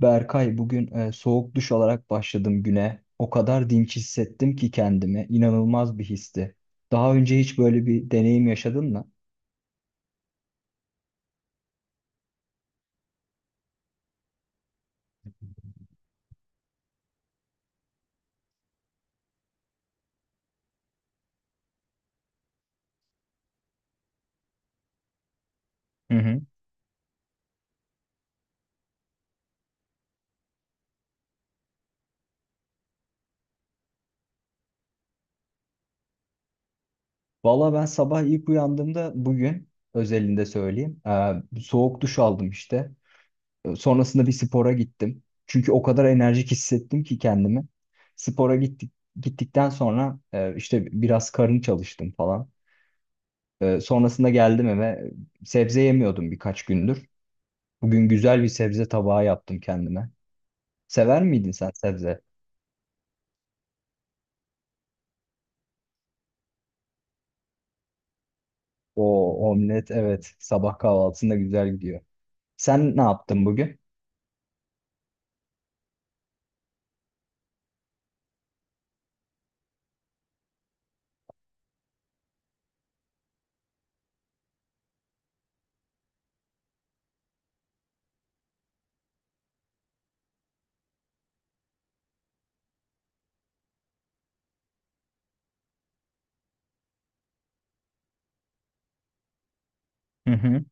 Berkay, bugün soğuk duş alarak başladım güne. O kadar dinç hissettim ki kendimi. İnanılmaz bir histi. Daha önce hiç böyle bir deneyim yaşadın mı? Hı hı. Valla ben sabah ilk uyandığımda bugün özelinde söyleyeyim. Soğuk duş aldım işte. Sonrasında bir spora gittim. Çünkü o kadar enerjik hissettim ki kendimi. Spora gittik, gittikten sonra işte biraz karın çalıştım falan. Sonrasında geldim eve. Sebze yemiyordum birkaç gündür. Bugün güzel bir sebze tabağı yaptım kendime. Sever miydin sen sebze? O omlet, evet, sabah kahvaltısında güzel gidiyor. Sen ne yaptın bugün? Hı hı.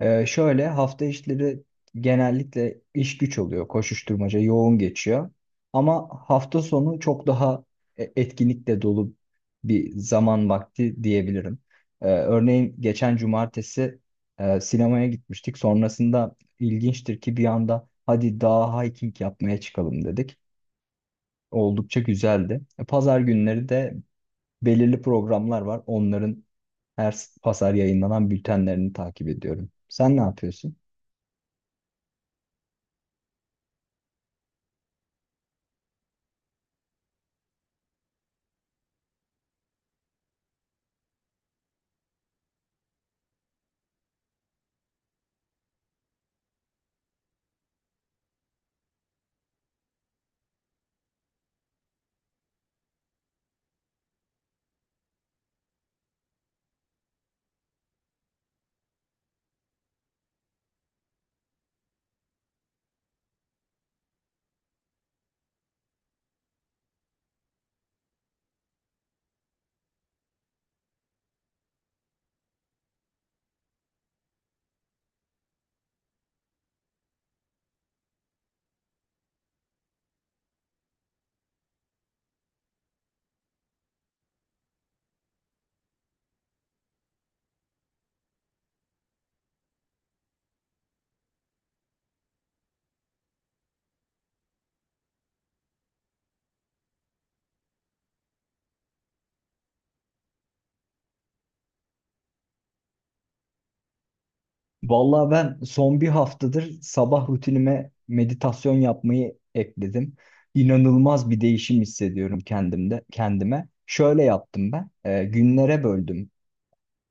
Şöyle hafta işleri genellikle iş güç oluyor. Koşuşturmaca yoğun geçiyor. Ama hafta sonu çok daha etkinlikle dolu bir zaman vakti diyebilirim. Örneğin geçen cumartesi sinemaya gitmiştik. Sonrasında ilginçtir ki bir anda hadi daha hiking yapmaya çıkalım dedik. Oldukça güzeldi. Pazar günleri de belirli programlar var. Onların pazar yayınlanan bültenlerini takip ediyorum. Sen ne yapıyorsun? Vallahi ben son bir haftadır sabah rutinime meditasyon yapmayı ekledim. İnanılmaz bir değişim hissediyorum kendimde, kendime. Şöyle yaptım ben. Günlere böldüm.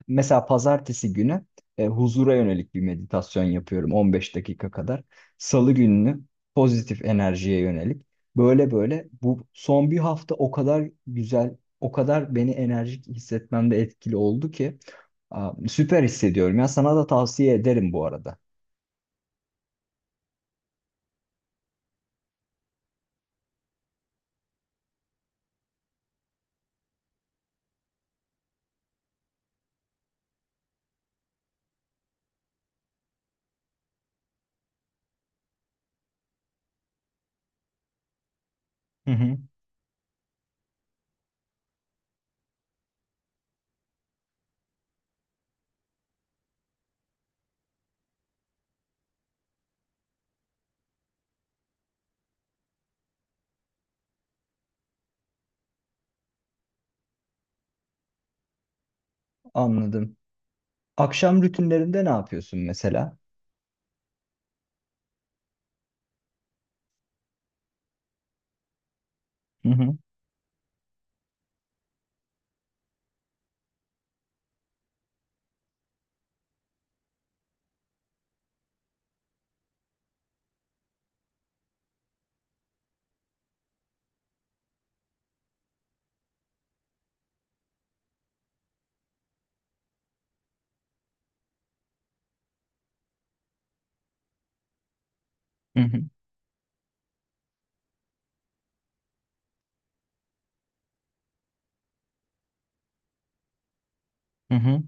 Mesela pazartesi günü huzura yönelik bir meditasyon yapıyorum 15 dakika kadar. Salı gününü pozitif enerjiye yönelik. Böyle böyle bu son bir hafta o kadar güzel, o kadar beni enerjik hissetmemde etkili oldu ki aa, süper hissediyorum. Ya sana da tavsiye ederim bu arada. Hı hı, anladım. Akşam rutinlerinde ne yapıyorsun mesela? Hı hı, hı hı, hı hı.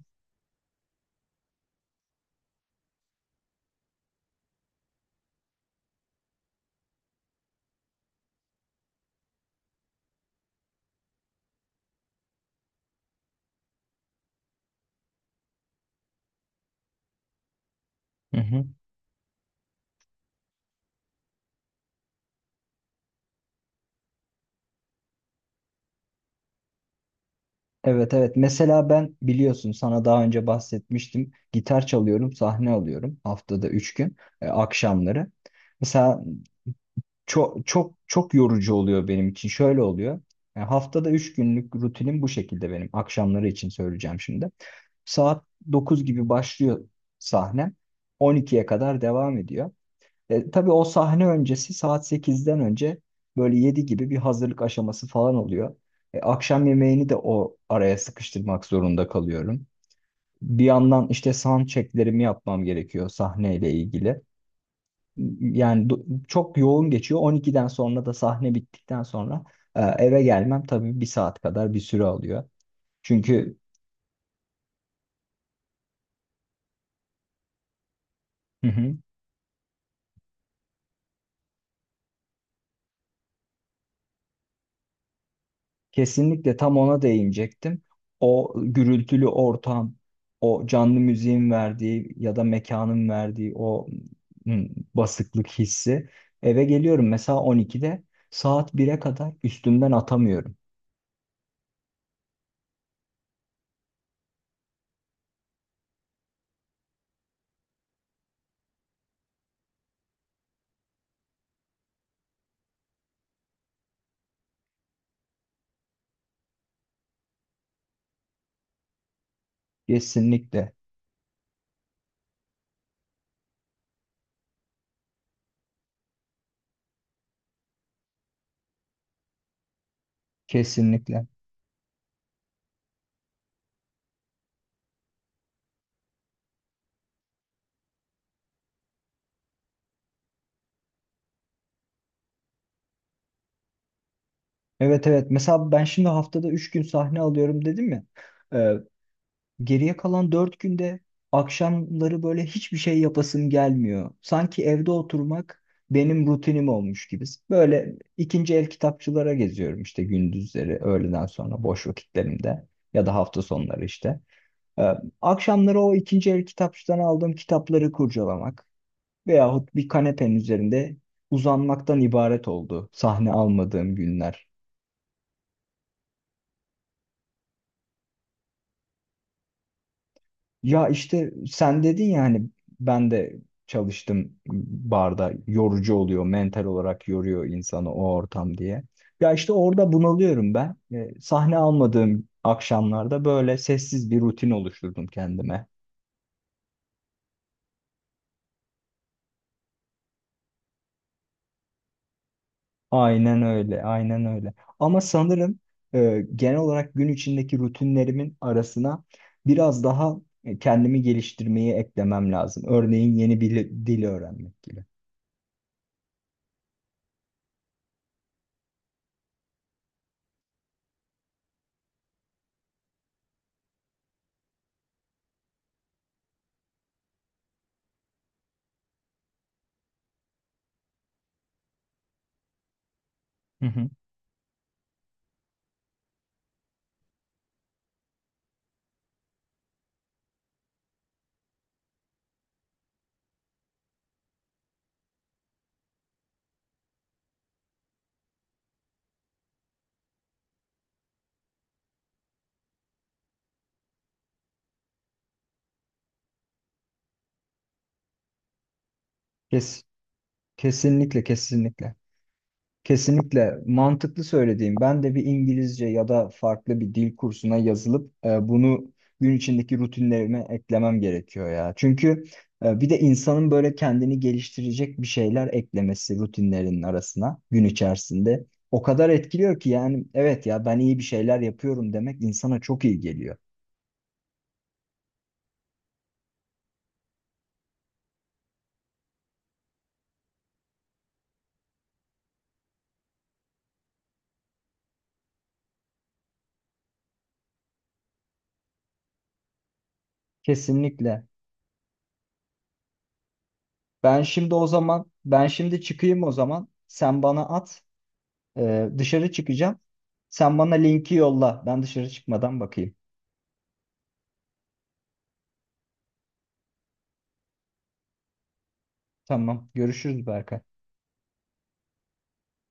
Hı hı. Evet, evet. Mesela ben biliyorsun sana daha önce bahsetmiştim. Gitar çalıyorum, sahne alıyorum haftada 3 gün akşamları. Mesela çok çok çok yorucu oluyor benim için. Şöyle oluyor. Yani haftada 3 günlük rutinim bu şekilde benim. Akşamları için söyleyeceğim şimdi. Saat 9 gibi başlıyor sahnem. 12'ye kadar devam ediyor. Tabii o sahne öncesi saat sekizden önce böyle 7 gibi bir hazırlık aşaması falan oluyor. Akşam yemeğini de o araya sıkıştırmak zorunda kalıyorum. Bir yandan işte sound checklerimi yapmam gerekiyor sahneyle ilgili. Yani çok yoğun geçiyor. 12'den sonra da sahne bittikten sonra eve gelmem tabii bir saat kadar bir süre alıyor. Çünkü kesinlikle tam ona değinecektim. O gürültülü ortam, o canlı müziğin verdiği ya da mekanın verdiği o hmm, basıklık hissi. Eve geliyorum mesela 12'de, saat 1'e kadar üstümden atamıyorum. Kesinlikle, kesinlikle. Evet, evet, mesela ben şimdi haftada 3 gün sahne alıyorum dedim ya. Ee, Geriye kalan dört günde akşamları böyle hiçbir şey yapasım gelmiyor. Sanki evde oturmak benim rutinim olmuş gibi. Böyle ikinci el kitapçılara geziyorum işte gündüzleri, öğleden sonra boş vakitlerimde ya da hafta sonları işte. Ee, Akşamları o ikinci el kitapçıdan aldığım kitapları kurcalamak veyahut bir kanepenin üzerinde uzanmaktan ibaret oldu sahne almadığım günler. Ya işte sen dedin ya hani ben de çalıştım barda, yorucu oluyor, mental olarak yoruyor insanı o ortam diye. Ya işte orada bunalıyorum ben. Sahne almadığım akşamlarda böyle sessiz bir rutin oluşturdum kendime. Aynen öyle, aynen öyle. Ama sanırım genel olarak gün içindeki rutinlerimin arasına biraz daha kendimi geliştirmeyi eklemem lazım. Örneğin yeni bir dil öğrenmek gibi. Hı hı. Kes. Kesinlikle, kesinlikle. Kesinlikle mantıklı söylediğim. Ben de bir İngilizce ya da farklı bir dil kursuna yazılıp bunu gün içindeki rutinlerime eklemem gerekiyor ya. Çünkü bir de insanın böyle kendini geliştirecek bir şeyler eklemesi rutinlerinin arasına gün içerisinde o kadar etkiliyor ki, yani evet ya, ben iyi bir şeyler yapıyorum demek insana çok iyi geliyor. Kesinlikle. Ben şimdi çıkayım o zaman. Sen bana at. Dışarı çıkacağım. Sen bana linki yolla. Ben dışarı çıkmadan bakayım. Tamam. Görüşürüz Berkay.